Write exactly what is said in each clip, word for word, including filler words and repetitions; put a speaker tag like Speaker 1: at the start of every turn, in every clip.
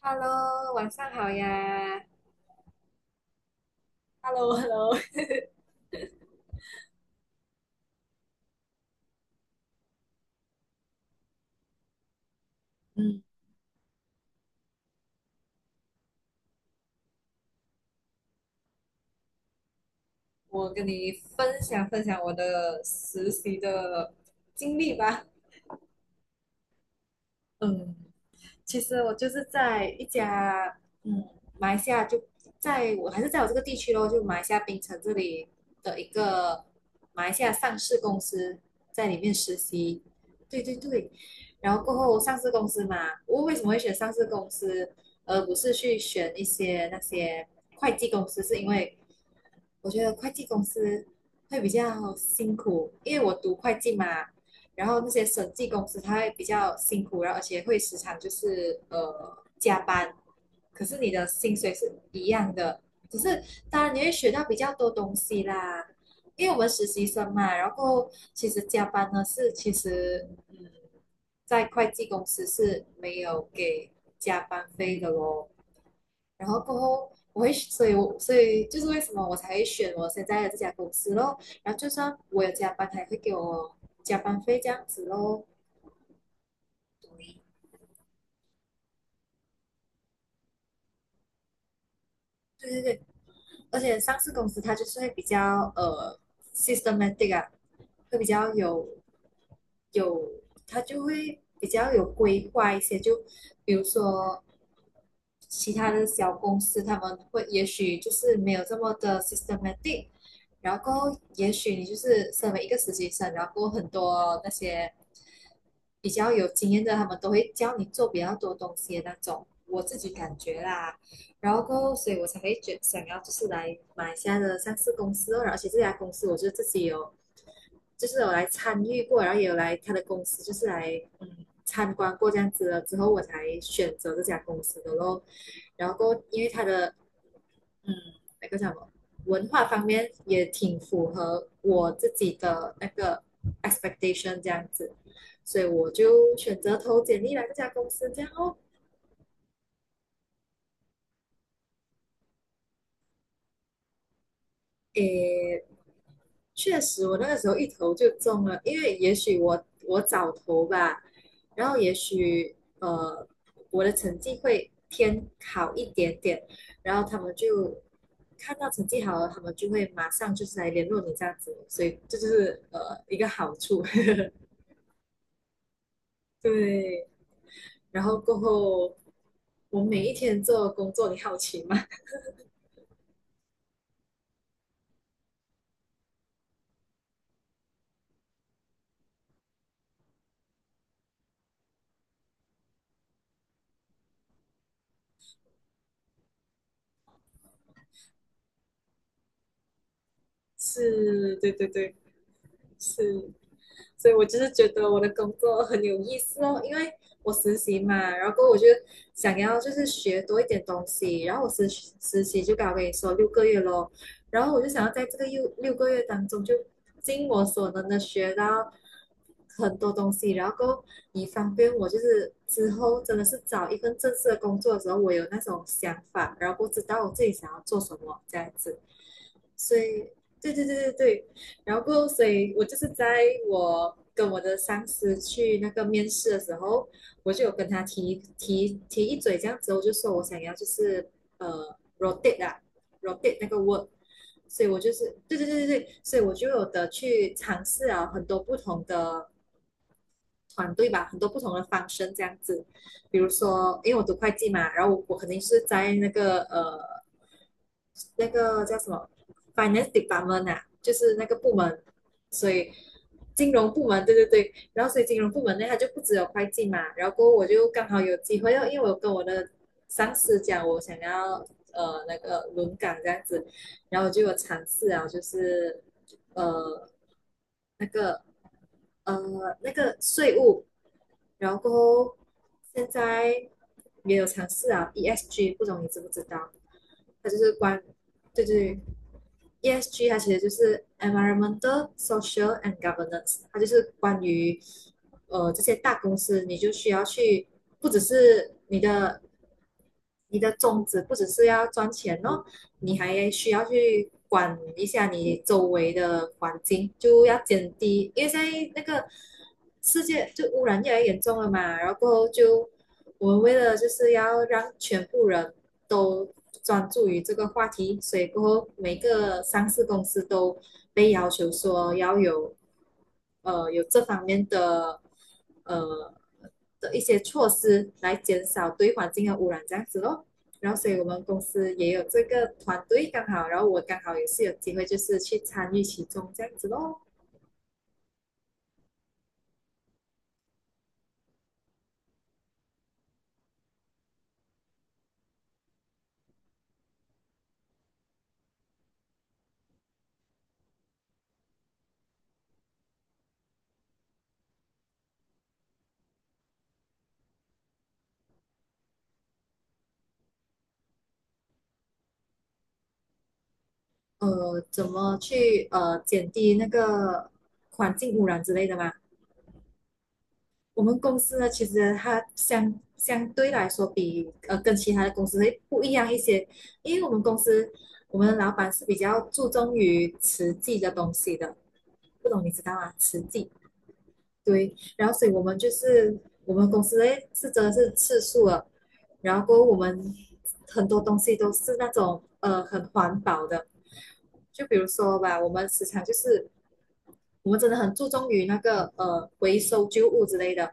Speaker 1: Hello，晚上好呀。Hello，Hello 嗯，我跟你分享分享我的实习的经历吧。嗯，其实我就是在一家嗯马来西亚就在我还是在我这个地区咯，就马来西亚槟城这里的一个马来西亚上市公司在里面实习，对对对，然后过后上市公司嘛，我为什么会选上市公司，而不是去选一些那些会计公司，是因为我觉得会计公司会比较辛苦，因为我读会计嘛，然后那些审计公司它会比较辛苦，然后而且会时常就是呃加班，可是你的薪水是一样的，只是当然你会学到比较多东西啦，因为我们实习生嘛，然后其实加班呢是其实嗯，在会计公司是没有给加班费的咯。然后过后我会，所以我所以就是为什么我才会选我现在的这家公司咯。然后就算我有加班，他也会给我加班费这样子咯。对，对对对，而且上市公司它就是会比较呃 systematic 啊，会比较有有，它就会比较有规划一些。就比如说其他的小公司他们会也许就是没有这么的 systematic，然后也许你就是身为一个实习生，然后很多那些比较有经验的，他们都会教你做比较多东西的那种，我自己感觉啦，然后过后所以我才会觉想要就是来马来西亚的上市公司哦，而且这家公司我就自己有就是有来参与过，然后也有来他的公司就是来嗯。参观过这样子了之后，我才选择这家公司的咯。然后因为他的嗯，那个叫什么文化方面也挺符合我自己的那个 expectation 这样子，所以我就选择投简历来这家公司，这样哦，诶，确实我那个时候一投就中了，因为也许我我早投吧，然后也许呃我的成绩会偏好一点点，然后他们就看到成绩好了，他们就会马上就是来联络你这样子，所以这就是呃一个好处。对，然后过后，我每一天做的工作，你好奇吗？是，对对对，是，所以我就是觉得我的工作很有意思哦，因为我实习嘛，然后过后我就想要就是学多一点东西，然后我实实习就刚刚跟你说六个月咯，然后我就想要在这个六六个月当中就尽我所能的学到很多东西，然后够以方便我就是之后真的是找一份正式的工作的时候，我有那种想法，然后不知道我自己想要做什么这样子，所以对对对对对，然后过所以我就是在我跟我的上司去那个面试的时候，我就有跟他提提提一嘴这样子，我就说我想要就是呃 rotate 啊 rotate 那个 work。所以我就是对对对对对，所以我就有的去尝试啊很多不同的团队吧，很多不同的方式这样子。比如说，因为我读会计嘛，然后我我肯定是在那个呃那个叫什么 finance department 啊，就是那个部门，所以金融部门，对对对。然后所以金融部门呢，它就不只有会计嘛，然后过后我就刚好有机会，因为我跟我的上司讲我想要呃那个轮岗这样子，然后我就有尝试啊，就是呃那个呃那个税务。然后现在也有尝试啊，E S G，不懂你知不知道？它就是关，对对，E S G 它其实就是 environmental, social and governance，它就是关于呃这些大公司，你就需要去，不只是你的你的宗旨不只是要赚钱哦，你还需要去管一下你周围的环境，就要减低，因为现在那个世界就污染越来越严重了嘛，然后过后就我们为了就是要让全部人都专注于这个话题，所以过后每个上市公司都被要求说要有呃有这方面的呃的一些措施来减少对环境的污染这样子咯。然后，所以我们公司也有这个团队，刚好，然后我刚好也是有机会，就是去参与其中这样子咯。呃，怎么去呃减低那个环境污染之类的嘛？我们公司呢，其实它相相对来说比呃跟其他的公司会不一样一些，因为我们公司我们的老板是比较注重于实际的东西的，不懂你知道吗？实际。对，然后所以我们就是我们公司的是真的是吃素了，然后过后我们很多东西都是那种呃很环保的，就比如说吧，我们时常就是我们真的很注重于那个呃回收旧物之类的，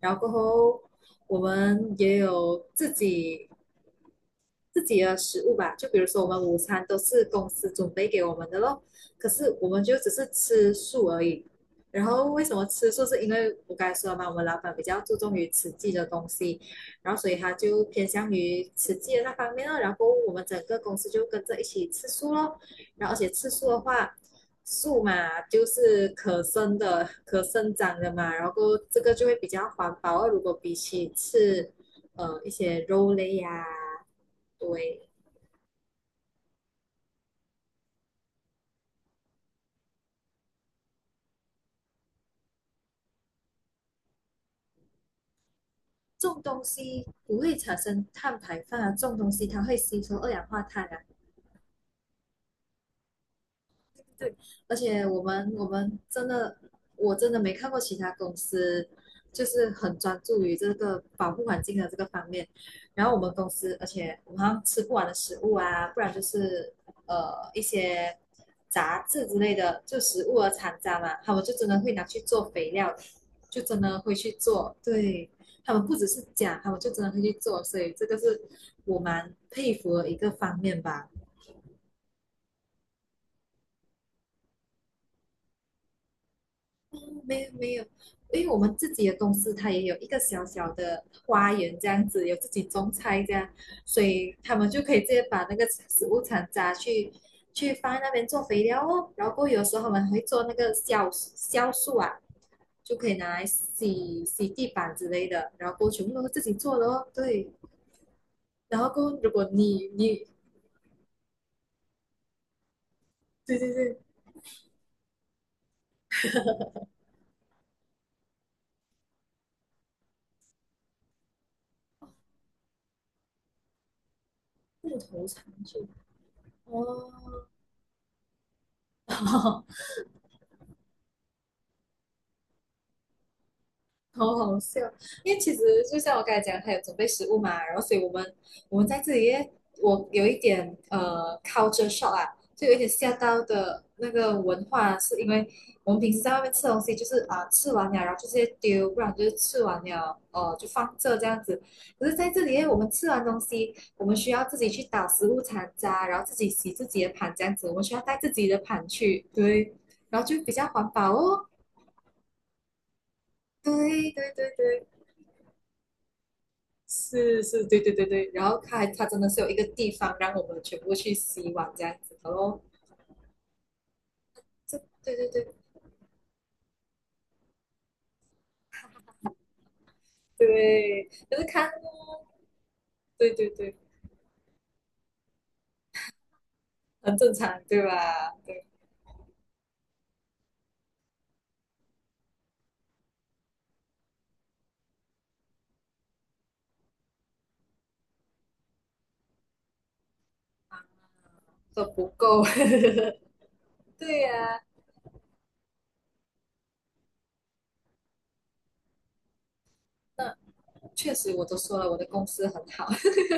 Speaker 1: 然后过后我们也有自己自己的食物吧，就比如说我们午餐都是公司准备给我们的咯，可是我们就只是吃素而已。然后为什么吃素？是因为我刚才说了嘛，我们老板比较注重于实际的东西，然后所以他就偏向于实际的那方面了。然后我们整个公司就跟着一起吃素咯。然后而且吃素的话，素嘛就是可生的、可生长的嘛，然后这个就会比较环保啊。如果比起吃呃一些肉类呀、啊对，种东西不会产生碳排放啊，种东西它会吸收二氧化碳啊，对，而且我们我们真的，我真的没看过其他公司就是很专注于这个保护环境的这个方面。然后我们公司，而且我们好像吃不完的食物啊，不然就是呃一些杂质之类的，就食物的残渣嘛，他们就真的会拿去做肥料，就真的会去做。对，他们不只是讲，他们就真的会去做，所以这个是我蛮佩服的一个方面吧。没有没有，因为我们自己的公司它也有一个小小的花园这样子，有自己种菜这样，所以他们就可以直接把那个食物残渣去去放在那边做肥料哦。然后过后有时候我们会做那个酵酵素啊，就可以拿来洗洗地板之类的，然后过后全部都是自己做的哦。对，然后过后如果你你对对对，木头餐具哦，好好笑，因为其实就像我刚才讲，他有准备食物嘛，然后所以我们我们在这里耶，我有一点呃 culture shock 啊，就有一点吓到的那个文化，是因为我们平时在外面吃东西，就是啊、吃完了，然后就直接丢，不然就是吃完了呃就放这这样子。可是在这里耶，我们吃完东西，我们需要自己去打食物残渣，然后自己洗自己的盘这样子，我们需要带自己的盘去，对，然后就比较环保哦，对对对对。是是，对对对对，然后它还它真的是有一个地方让我们全部去洗碗这样子的咯。这对对对对，就是看哦，对对对，很正常对吧？对啊，都不够，对呀、那确实我都说了，我的公司很好，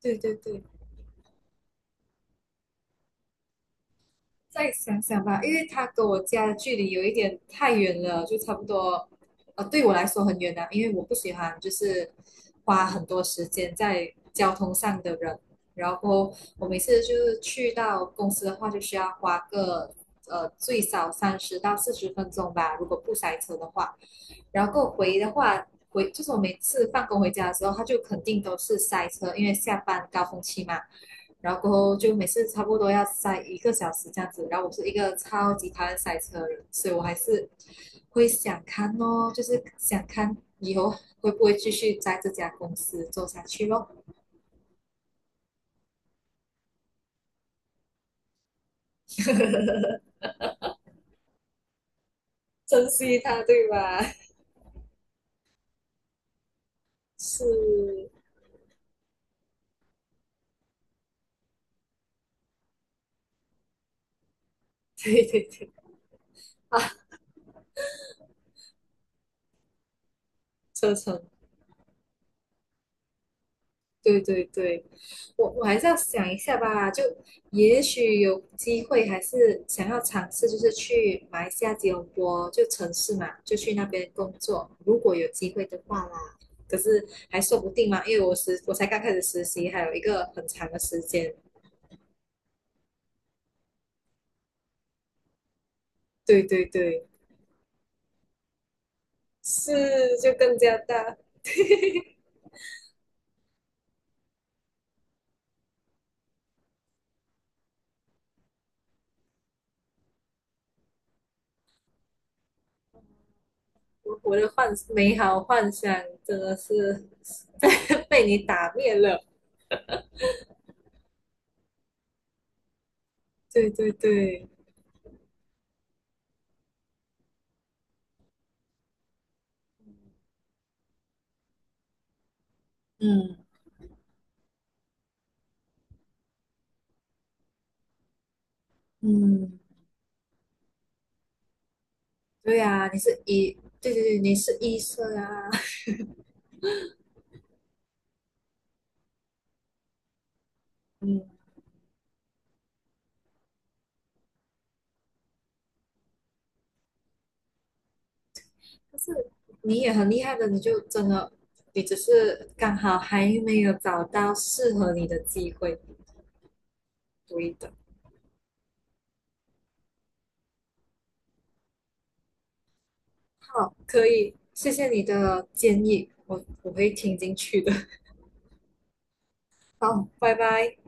Speaker 1: 对对对，再想想吧，因为他跟我家的距离有一点太远了，就差不多，呃，对我来说很远啊，因为我不喜欢就是花很多时间在交通上的人，然后我每次就是去到公司的话，就需要花个呃最少三十到四十分钟吧，如果不塞车的话，然后回的话。回就是我每次放工回家的时候，他就肯定都是塞车，因为下班高峰期嘛。然后过后就每次差不多要塞一个小时这样子，然后我是一个超级讨厌塞车的人，所以我还是会想看哦，就是想看以后会不会继续在这家公司做下去咯，珍惜它，对吧？是，对对对，车程对对对，我我还是要想一下吧，就也许有机会，还是想要尝试，就是去马来西亚吉隆坡就城市嘛，就去那边工作，如果有机会的话啦。可是还说不定嘛，因为我实我才刚开始实习，还有一个很长的时间。对对对，是就更加大。我我的幻美好幻想真的是 被被你打灭了。对对对，嗯嗯。对呀、你是医，对对对，你是医生啊，嗯，但是你也很厉害的，你就真的，你只是刚好还没有找到适合你的机会，对的。好，可以，谢谢你的建议，我我会听进去的。好，拜拜。